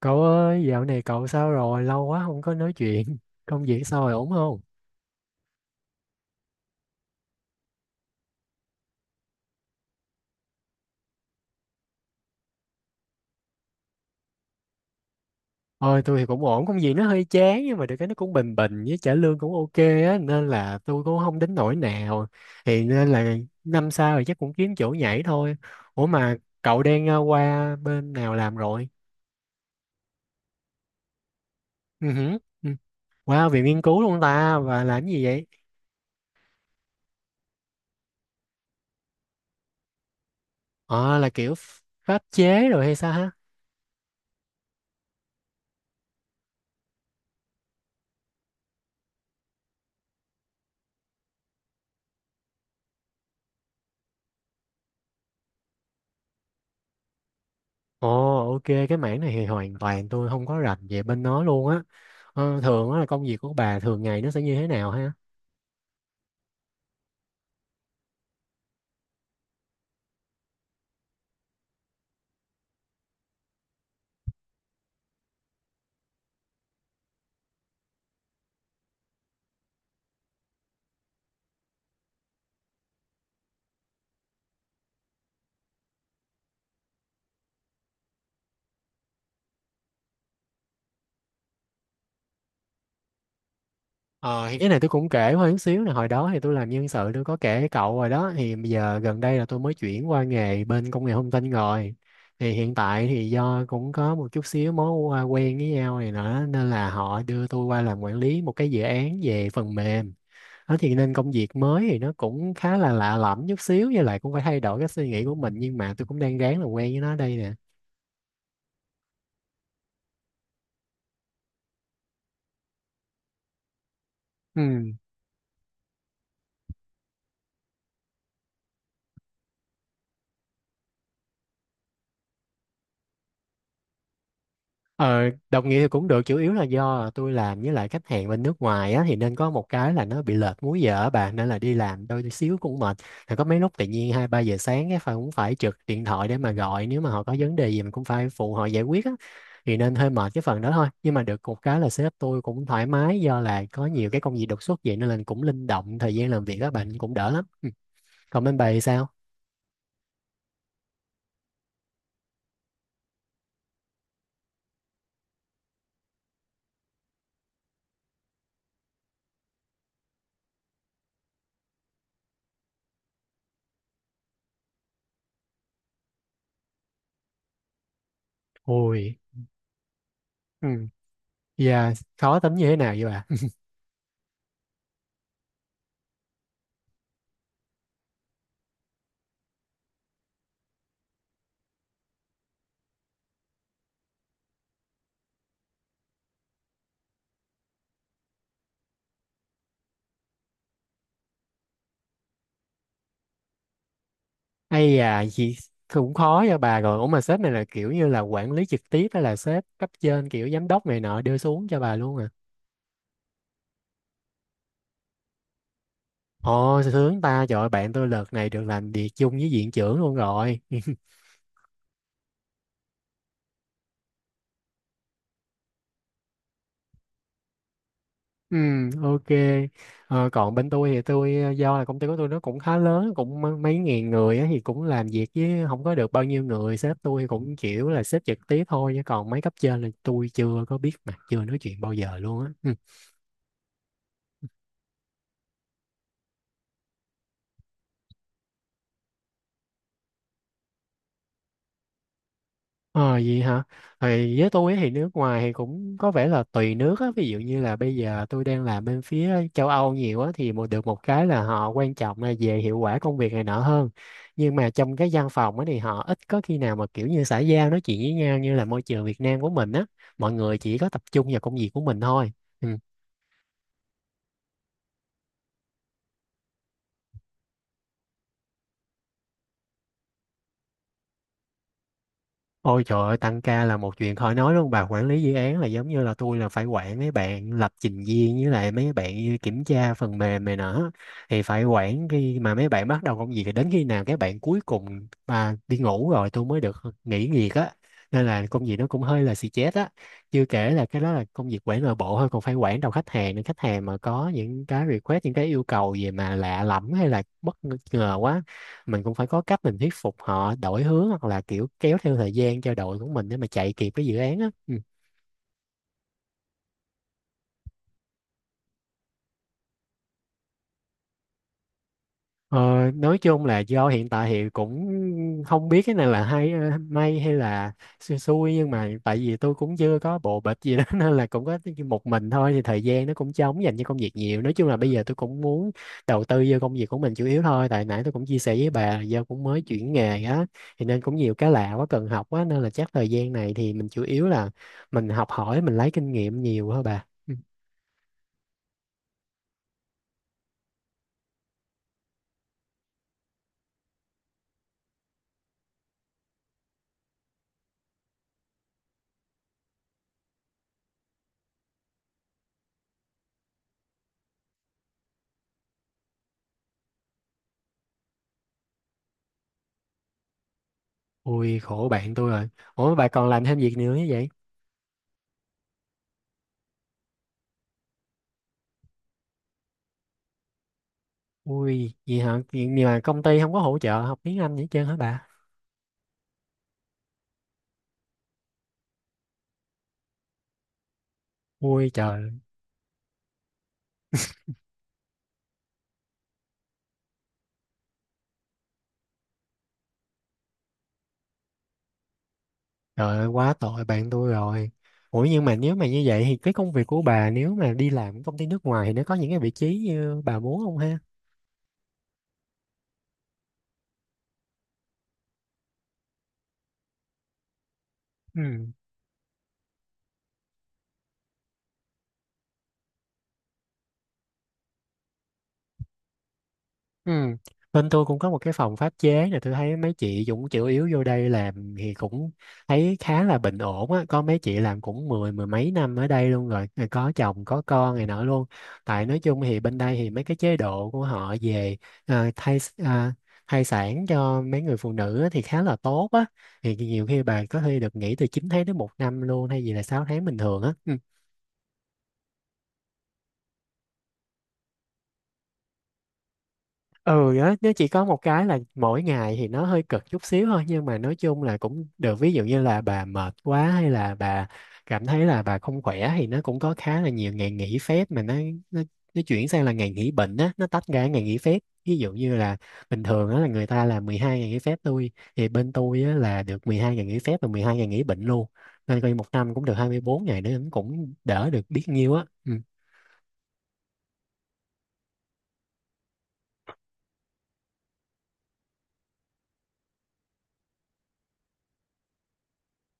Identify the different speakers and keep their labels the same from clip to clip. Speaker 1: Cậu ơi, dạo này cậu sao rồi? Lâu quá không có nói chuyện. Công việc sao rồi, ổn không? Ôi, tôi thì cũng ổn, công việc nó hơi chán nhưng mà được cái nó cũng bình bình với trả lương cũng ok á, nên là tôi cũng không đến nỗi nào. Thì nên là năm sau thì chắc cũng kiếm chỗ nhảy thôi. Ủa mà cậu đang qua bên nào làm rồi? Ừ, hử, ừ. Qua viện nghiên cứu luôn ta, và làm gì vậy? Ờ, là kiểu pháp chế rồi hay sao ha? Ồ, ok, cái mảng này thì hoàn toàn tôi không có rành về bên nó luôn á. Ờ, thường á là công việc của bà thường ngày nó sẽ như thế nào ha? Ờ, thì cái này tôi cũng kể hơi chút xíu là hồi đó thì tôi làm nhân sự, tôi có kể với cậu rồi đó. Thì bây giờ gần đây là tôi mới chuyển qua nghề bên công nghệ thông tin rồi. Thì hiện tại thì do cũng có một chút xíu mối quen với nhau này nữa nên là họ đưa tôi qua làm quản lý một cái dự án về phần mềm. Đó, thì nên công việc mới thì nó cũng khá là lạ lẫm chút xíu, với lại cũng phải thay đổi cái suy nghĩ của mình, nhưng mà tôi cũng đang ráng làm quen với nó đây nè. Ừ. Ờ, đồng nghĩa thì cũng được, chủ yếu là do tôi làm với lại khách hàng bên nước ngoài á, thì nên có một cái là nó bị lệch múi giờ á bà, nên là đi làm đôi xíu cũng mệt. Thì có mấy lúc tự nhiên hai ba giờ sáng cái phải, cũng phải trực điện thoại để mà gọi, nếu mà họ có vấn đề gì mình cũng phải phụ họ giải quyết á. Thì nên hơi mệt cái phần đó thôi, nhưng mà được một cái là sếp tôi cũng thoải mái, do là có nhiều cái công việc đột xuất vậy nên là cũng linh động thời gian làm việc, các bạn cũng đỡ lắm. Ừ. Còn bên bà thì sao? Ôi. Ừ. Dạ. Khó tính như thế nào vậy? Hay à, chị cũng khó cho bà rồi. Ủa mà sếp này là kiểu như là quản lý trực tiếp hay là sếp cấp trên kiểu giám đốc này nọ đưa xuống cho bà luôn à? Ồ, sướng ta, trời ơi, bạn tôi lượt này được làm việc chung với viện trưởng luôn rồi. Ừ, ok. Ờ, còn bên tôi thì tôi, do là công ty của tôi nó cũng khá lớn, cũng mấy ngàn người á, thì cũng làm việc với không có được bao nhiêu người. Sếp tôi thì cũng kiểu là sếp trực tiếp thôi, chứ còn mấy cấp trên là tôi chưa có biết mặt, chưa nói chuyện bao giờ luôn á. Ừ. Ờ vậy hả? Thì với tôi thì nước ngoài thì cũng có vẻ là tùy nước á, ví dụ như là bây giờ tôi đang làm bên phía châu Âu nhiều á, thì một được một cái là họ quan trọng là về hiệu quả công việc này nọ hơn. Nhưng mà trong cái văn phòng á thì họ ít có khi nào mà kiểu như xã giao nói chuyện với nhau như là môi trường Việt Nam của mình á, mọi người chỉ có tập trung vào công việc của mình thôi. Ừ. Ôi trời ơi, tăng ca là một chuyện khỏi nói luôn bà. Quản lý dự án là giống như là tôi là phải quản mấy bạn lập trình viên với lại mấy bạn kiểm tra phần mềm này nọ, thì phải quản khi mà mấy bạn bắt đầu công việc thì đến khi nào các bạn cuối cùng mà đi ngủ rồi tôi mới được nghỉ việc á, nên là công việc nó cũng hơi là xì chết á. Chưa kể là cái đó là công việc quản nội bộ thôi, còn phải quản đầu khách hàng nữa. Khách hàng mà có những cái request, những cái yêu cầu gì mà lạ lẫm hay là bất ngờ quá, mình cũng phải có cách mình thuyết phục họ đổi hướng hoặc là kiểu kéo theo thời gian cho đội của mình để mà chạy kịp cái dự án á. Ừ. Ờ, nói chung là do hiện tại thì cũng không biết cái này là hay may hay là xui xui, nhưng mà tại vì tôi cũng chưa có bộ bịch gì đó nên là cũng có một mình thôi, thì thời gian nó cũng trống dành cho công việc nhiều. Nói chung là bây giờ tôi cũng muốn đầu tư vô công việc của mình chủ yếu thôi, tại nãy tôi cũng chia sẻ với bà là do cũng mới chuyển nghề á, thì nên cũng nhiều cái lạ quá, cần học quá, nên là chắc thời gian này thì mình chủ yếu là mình học hỏi, mình lấy kinh nghiệm nhiều thôi bà. Ừ. Ui, khổ bạn tôi rồi. Ủa, bà còn làm thêm việc nữa như vậy? Ui, vậy hả? Vậy nhưng mà công ty không có hỗ trợ học tiếng Anh gì hết trơn hả bà? Ui trời. Trời ơi, quá tội bạn tôi rồi. Ủa nhưng mà nếu mà như vậy thì cái công việc của bà, nếu mà đi làm ở công ty nước ngoài thì nó có những cái vị trí như bà muốn không ha? Ừ. Ừ. Bên tôi cũng có một cái phòng pháp chế nè, tôi thấy mấy chị cũng chủ yếu vô đây làm thì cũng thấy khá là bình ổn á, có mấy chị làm cũng mười mười mấy năm ở đây luôn rồi, rồi có chồng có con này nọ luôn. Tại nói chung thì bên đây thì mấy cái chế độ của họ về à, thai à, thai sản cho mấy người phụ nữ á thì khá là tốt á. Thì nhiều khi bà có thể được nghỉ từ 9 tháng đến một năm luôn, hay gì là 6 tháng bình thường á. Ừ. Ừ á, nó chỉ có một cái là mỗi ngày thì nó hơi cực chút xíu thôi, nhưng mà nói chung là cũng được. Ví dụ như là bà mệt quá hay là bà cảm thấy là bà không khỏe thì nó cũng có khá là nhiều ngày nghỉ phép, mà nó, nó chuyển sang là ngày nghỉ bệnh á, nó tách ra ngày nghỉ phép. Ví dụ như là bình thường á là người ta là 12 ngày nghỉ phép tôi, thì bên tôi á là được 12 ngày nghỉ phép và 12 ngày nghỉ bệnh luôn, nên coi như một năm cũng được 24 ngày nữa, cũng đỡ được biết nhiêu á. Ừ.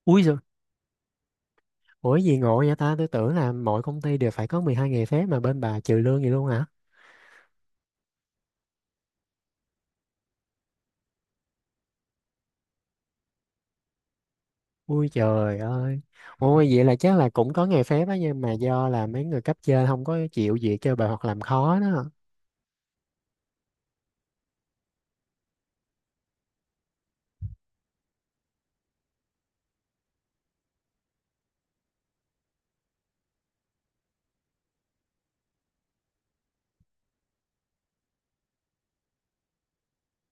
Speaker 1: Ui giời. Ủa gì ngộ vậy ta? Tôi tưởng là mọi công ty đều phải có 12 ngày phép, mà bên bà trừ lương gì luôn hả? Ui trời ơi. Ôi vậy là chắc là cũng có ngày phép á, nhưng mà do là mấy người cấp trên không có chịu việc cho bà hoặc làm khó đó.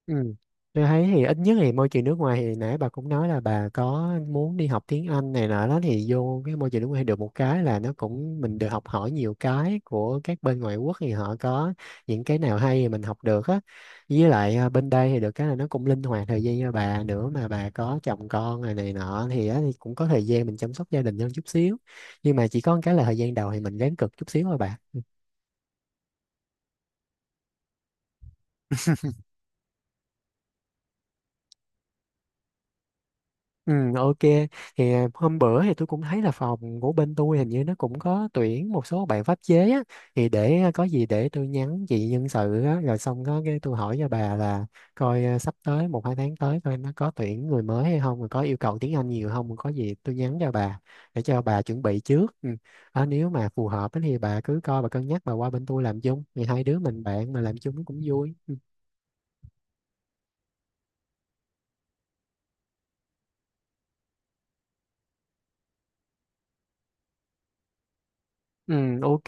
Speaker 1: Ừ. Tôi thấy thì ít nhất thì môi trường nước ngoài thì nãy bà cũng nói là bà có muốn đi học tiếng Anh này nọ đó, thì vô cái môi trường nước ngoài được một cái là nó cũng, mình được học hỏi nhiều cái của các bên ngoại quốc, thì họ có những cái nào hay thì mình học được á. Với lại à, bên đây thì được cái là nó cũng linh hoạt thời gian cho bà nữa, mà bà có chồng con này này nọ thì, á, thì cũng có thời gian mình chăm sóc gia đình hơn chút xíu. Nhưng mà chỉ có một cái là thời gian đầu thì mình ráng cực chút xíu thôi bà. Ừ, ok. Thì à, hôm bữa thì tôi cũng thấy là phòng của bên tôi hình như nó cũng có tuyển một số bạn pháp chế á, thì để à, có gì để tôi nhắn chị nhân sự á, rồi xong có cái tôi hỏi cho bà là coi à, sắp tới một hai tháng tới coi nó có tuyển người mới hay không, rồi có yêu cầu tiếng Anh nhiều không, rồi có gì tôi nhắn cho bà để cho bà chuẩn bị trước. Ừ. Ờ, nếu mà phù hợp á thì bà cứ coi, bà cân nhắc bà qua bên tôi làm chung, thì hai đứa mình bạn mà làm chung cũng vui. Ừ, ok.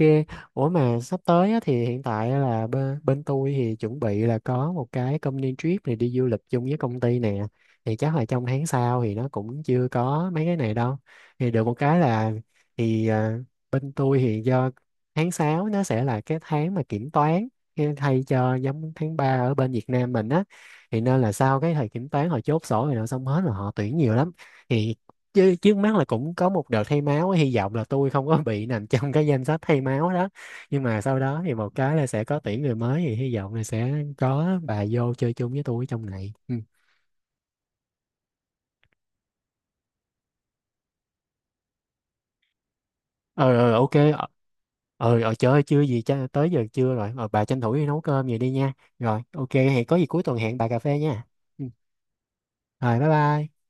Speaker 1: Ủa mà sắp tới á, thì hiện tại á là bên tôi thì chuẩn bị là có một cái company trip này, đi du lịch chung với công ty nè. Thì chắc là trong tháng sau thì nó cũng chưa có mấy cái này đâu. Thì được một cái là thì à, bên tôi thì do tháng 6 nó sẽ là cái tháng mà kiểm toán, cái thay cho giống tháng 3 ở bên Việt Nam mình á. Thì nên là sau cái thời kiểm toán họ chốt sổ rồi, nó xong hết rồi, họ tuyển nhiều lắm. Thì chứ trước mắt là cũng có một đợt thay máu, hy vọng là tôi không có bị nằm trong cái danh sách thay máu đó, nhưng mà sau đó thì một cái là sẽ có tuyển người mới, thì hy vọng là sẽ có bà vô chơi chung với tôi trong này. Ừ. Ờ, ờ, ờ, ok, ờ. Ờ, ờ, trời ơi, chưa gì cha tới giờ chưa rồi. Ờ, bà tranh thủ đi nấu cơm vậy đi nha. Rồi, ok, hẹn có gì cuối tuần hẹn bà cà phê nha. Ừ. Rồi, bye bye.